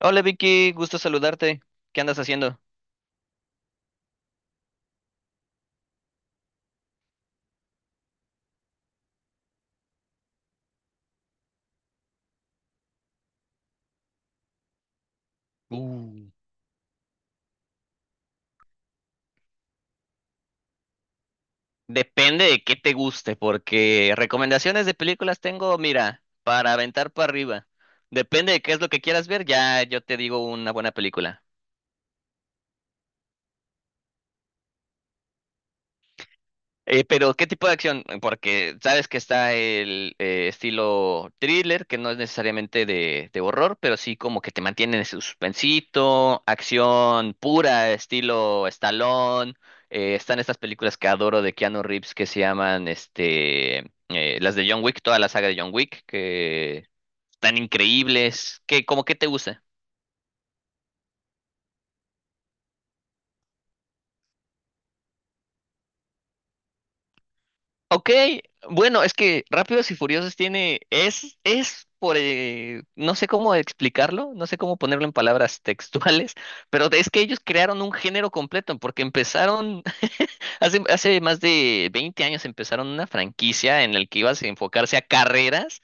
Hola Vicky, gusto saludarte. ¿Qué andas haciendo? Uh, Depende de qué te guste, porque recomendaciones de películas tengo, mira, para aventar para arriba. Depende de qué es lo que quieras ver, ya yo te digo una buena película. Pero, ¿qué tipo de acción? Porque sabes que está el estilo thriller, que no es necesariamente de horror, pero sí como que te mantiene en suspensito, acción pura, estilo Stallone. Están estas películas que adoro de Keanu Reeves que se llaman las de John Wick, toda la saga de John Wick, que están increíbles. ¿ Como qué te gusta? Ok, bueno, es que Rápidos y Furiosos tiene, no sé cómo explicarlo, no sé cómo ponerlo en palabras textuales, pero es que ellos crearon un género completo, porque empezaron, hace más de 20 años empezaron una franquicia en la que ibas a enfocarse a carreras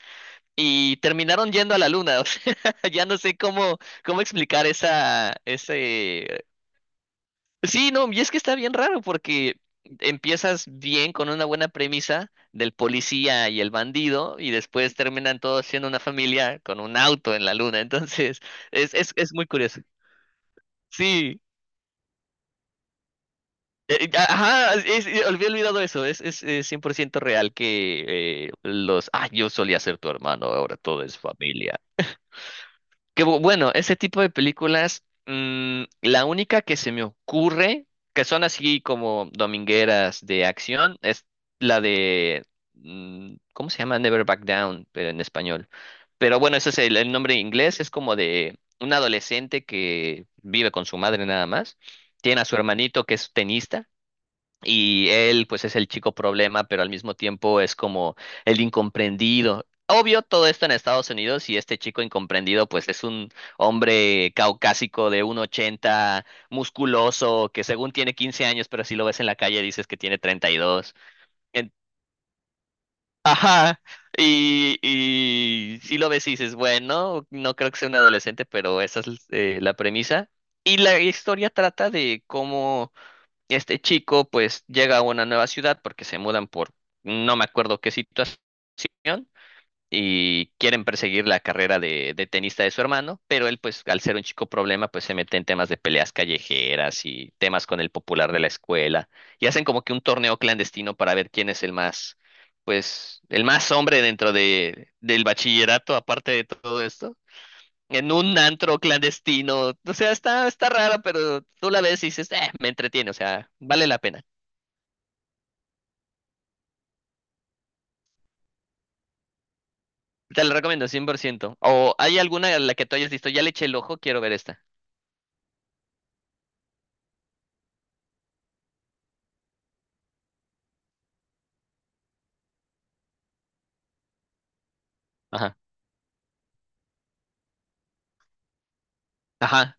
y terminaron yendo a la luna, o sea, ya no sé cómo explicar esa, ese. Sí, no, y es que está bien raro porque empiezas bien con una buena premisa del policía y el bandido y después terminan todos siendo una familia con un auto en la luna. Entonces, es muy curioso. Sí, ajá, es- olvidé olvidado eso, 100% real que yo solía ser tu hermano, ahora todo es familia. Que bueno, ese tipo de películas, la única que se me ocurre, que son así como domingueras de acción, es la de, ¿cómo se llama? Never Back Down, pero en español. Pero bueno, ese es el nombre en inglés, es como de un adolescente que vive con su madre nada más, tiene a su hermanito que es tenista y él, pues, es el chico problema, pero al mismo tiempo es como el incomprendido. Obvio, todo esto en Estados Unidos y este chico incomprendido, pues, es un hombre caucásico de 1,80, musculoso, que según tiene 15 años, pero si lo ves en la calle dices que tiene 32. En- Ajá. Y si lo ves y dices, bueno, no creo que sea un adolescente, pero esa es la premisa. Y la historia trata de cómo este chico pues llega a una nueva ciudad porque se mudan por no me acuerdo qué situación y quieren perseguir la carrera de tenista de su hermano, pero él pues al ser un chico problema pues se mete en temas de peleas callejeras y temas con el popular de la escuela y hacen como que un torneo clandestino para ver quién es el más pues el más hombre dentro de del bachillerato aparte de todo esto. En un antro clandestino, o sea, está rara, pero tú la ves y dices, me entretiene, o sea, vale la pena. Te la recomiendo, 100%. ¿O hay alguna a la que tú hayas visto? Ya le eché el ojo, quiero ver esta. Ajá, ajá,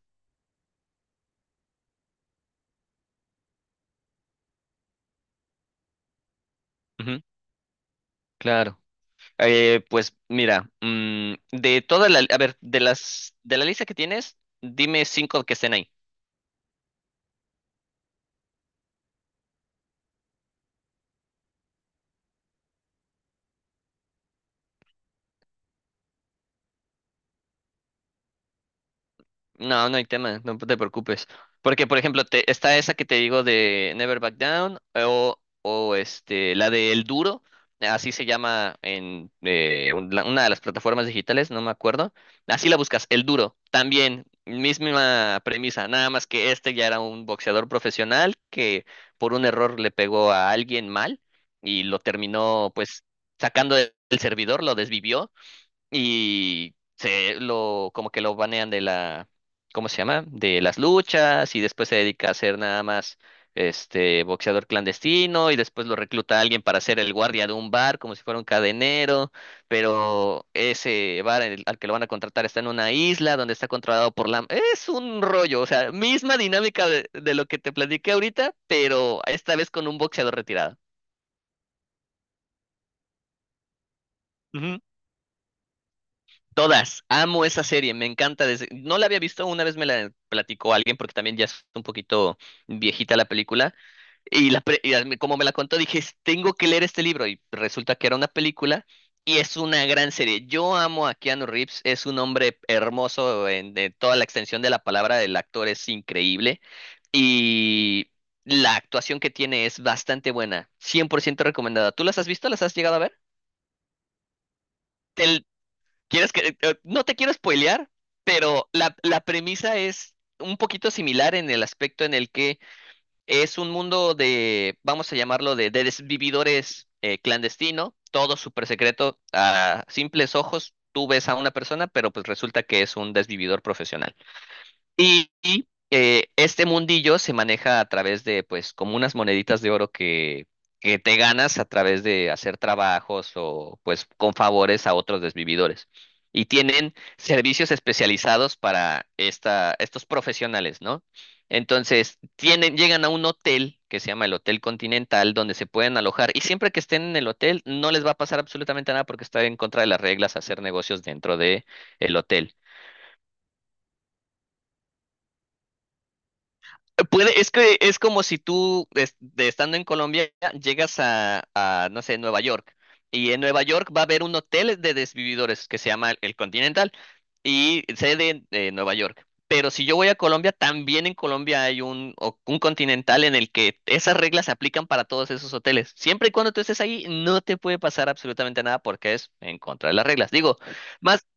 ujú, claro. Pues mira, a ver, de la lista que tienes, dime cinco que estén ahí. No, no hay tema, no te preocupes. Porque, por ejemplo, está esa que te digo de Never Back Down o, o la de El Duro, así se llama en una de las plataformas digitales, no me acuerdo. Así la buscas, El Duro, también, misma premisa, nada más que este ya era un boxeador profesional que por un error le pegó a alguien mal y lo terminó pues sacando del servidor, lo desvivió y se lo, como que lo banean de la, ¿cómo se llama? De las luchas y después se dedica a ser nada más este boxeador clandestino y después lo recluta a alguien para ser el guardia de un bar como si fuera un cadenero, pero ese bar al que lo van a contratar está en una isla donde está controlado por la... Es un rollo, o sea, misma dinámica de lo que te platiqué ahorita, pero esta vez con un boxeador retirado. Todas, amo esa serie, me encanta. No la había visto, una vez me la platicó alguien porque también ya es un poquito viejita la película. Y, la pre- y al- como me la contó, dije, Tengo que leer este libro. Y resulta que era una película y es una gran serie. Yo amo a Keanu Reeves, es un hombre hermoso en de toda la extensión de la palabra, el actor es increíble y la actuación que tiene es bastante buena, 100% recomendada. ¿Tú las has visto? ¿Las has llegado a ver? ¿Quieres que, no te quiero spoilear, pero la premisa es un poquito similar en el aspecto en el que es un mundo de, vamos a llamarlo, de desvividores clandestino, todo súper secreto, a simples ojos. Tú ves a una persona, pero pues resulta que es un desvividor profesional. Y, este mundillo se maneja a través de, pues, como unas moneditas de oro que te ganas a través de hacer trabajos o, pues, con favores a otros desvividores. Y tienen servicios especializados para estos profesionales, ¿no? Entonces, llegan a un hotel que se llama el Hotel Continental, donde se pueden alojar. Y siempre que estén en el hotel, no les va a pasar absolutamente nada porque está en contra de las reglas hacer negocios dentro de el hotel. Puede, es que es como si tú, de estando en Colombia, llegas a, no sé, Nueva York. Y en Nueva York va a haber un hotel de desvividores que se llama El Continental y sede de Nueva York. Pero si yo voy a Colombia, también en Colombia hay un Continental en el que esas reglas se aplican para todos esos hoteles. Siempre y cuando tú estés ahí, no te puede pasar absolutamente nada porque es en contra de las reglas. Digo, más,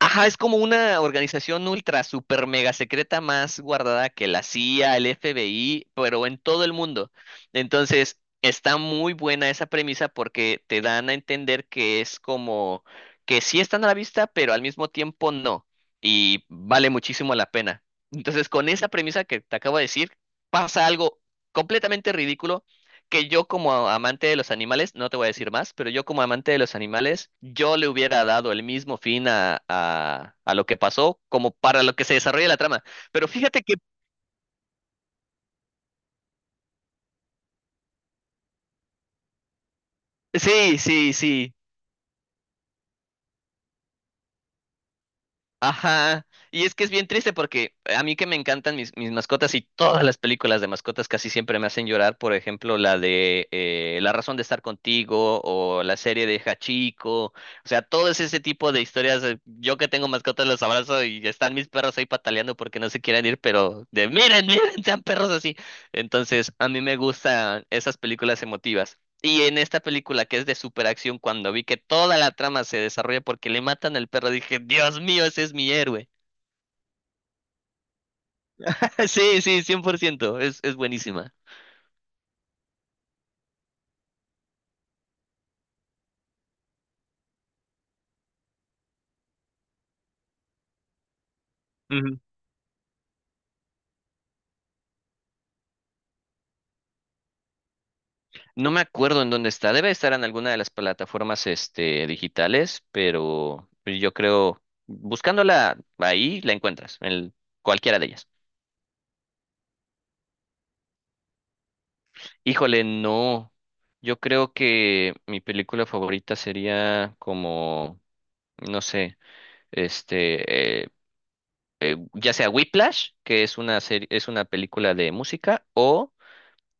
ajá, es como una organización ultra, super, mega secreta más guardada que la CIA, el FBI, pero en todo el mundo. Entonces, está muy buena esa premisa porque te dan a entender que es como que sí están a la vista, pero al mismo tiempo no. Y vale muchísimo la pena. Entonces, con esa premisa que te acabo de decir, pasa algo completamente ridículo que yo como amante de los animales, no te voy a decir más, pero yo como amante de los animales, yo le hubiera dado el mismo fin a lo que pasó como para lo que se desarrolla la trama. Pero fíjate que sí, sí, sí. Ajá, y es que es bien triste porque a mí que me encantan mis mascotas y todas las películas de mascotas casi siempre me hacen llorar, por ejemplo, la de La razón de estar contigo o la serie de Hachiko, o sea, todo ese tipo de historias, yo que tengo mascotas los abrazo y están mis perros ahí pataleando porque no se quieren ir, pero de miren, miren, sean perros así. Entonces, a mí me gustan esas películas emotivas. Y en esta película que es de superacción, cuando vi que toda la trama se desarrolla porque le matan al perro, dije, Dios mío, ese es mi héroe. Sí, sí, 100% es buenísima. Ujú. No me acuerdo en dónde está, debe estar en alguna de las plataformas digitales, pero yo creo, buscándola ahí, la encuentras, en cualquiera de ellas. Híjole, no, yo creo que mi película favorita sería como, no sé, este, eh, ya sea Whiplash, que es una serie, es una película de música, o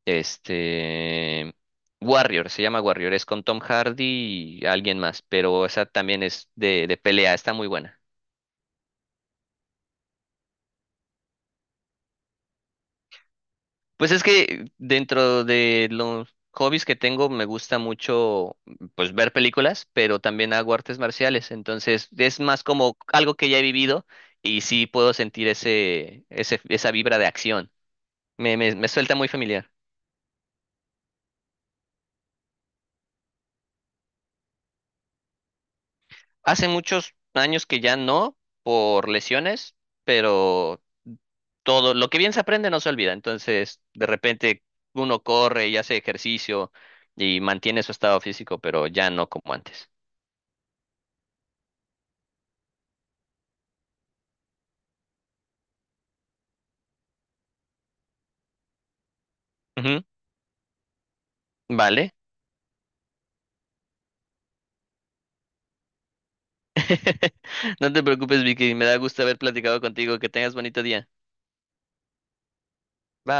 este Warrior, se llama Warrior, es con Tom Hardy y alguien más, pero esa también es de pelea, está muy buena. Pues es que dentro de los hobbies que tengo me gusta mucho pues ver películas, pero también hago artes marciales, entonces es más como algo que ya he vivido y sí puedo sentir ese, ese esa vibra de acción. Me suelta muy familiar. Hace muchos años que ya no, por lesiones, pero todo, lo que bien se aprende no se olvida. Entonces, de repente uno corre y hace ejercicio y mantiene su estado físico, pero ya no como antes. Ujú, vale. No te preocupes, Vicky. Me da gusto haber platicado contigo. Que tengas bonito día. Bye.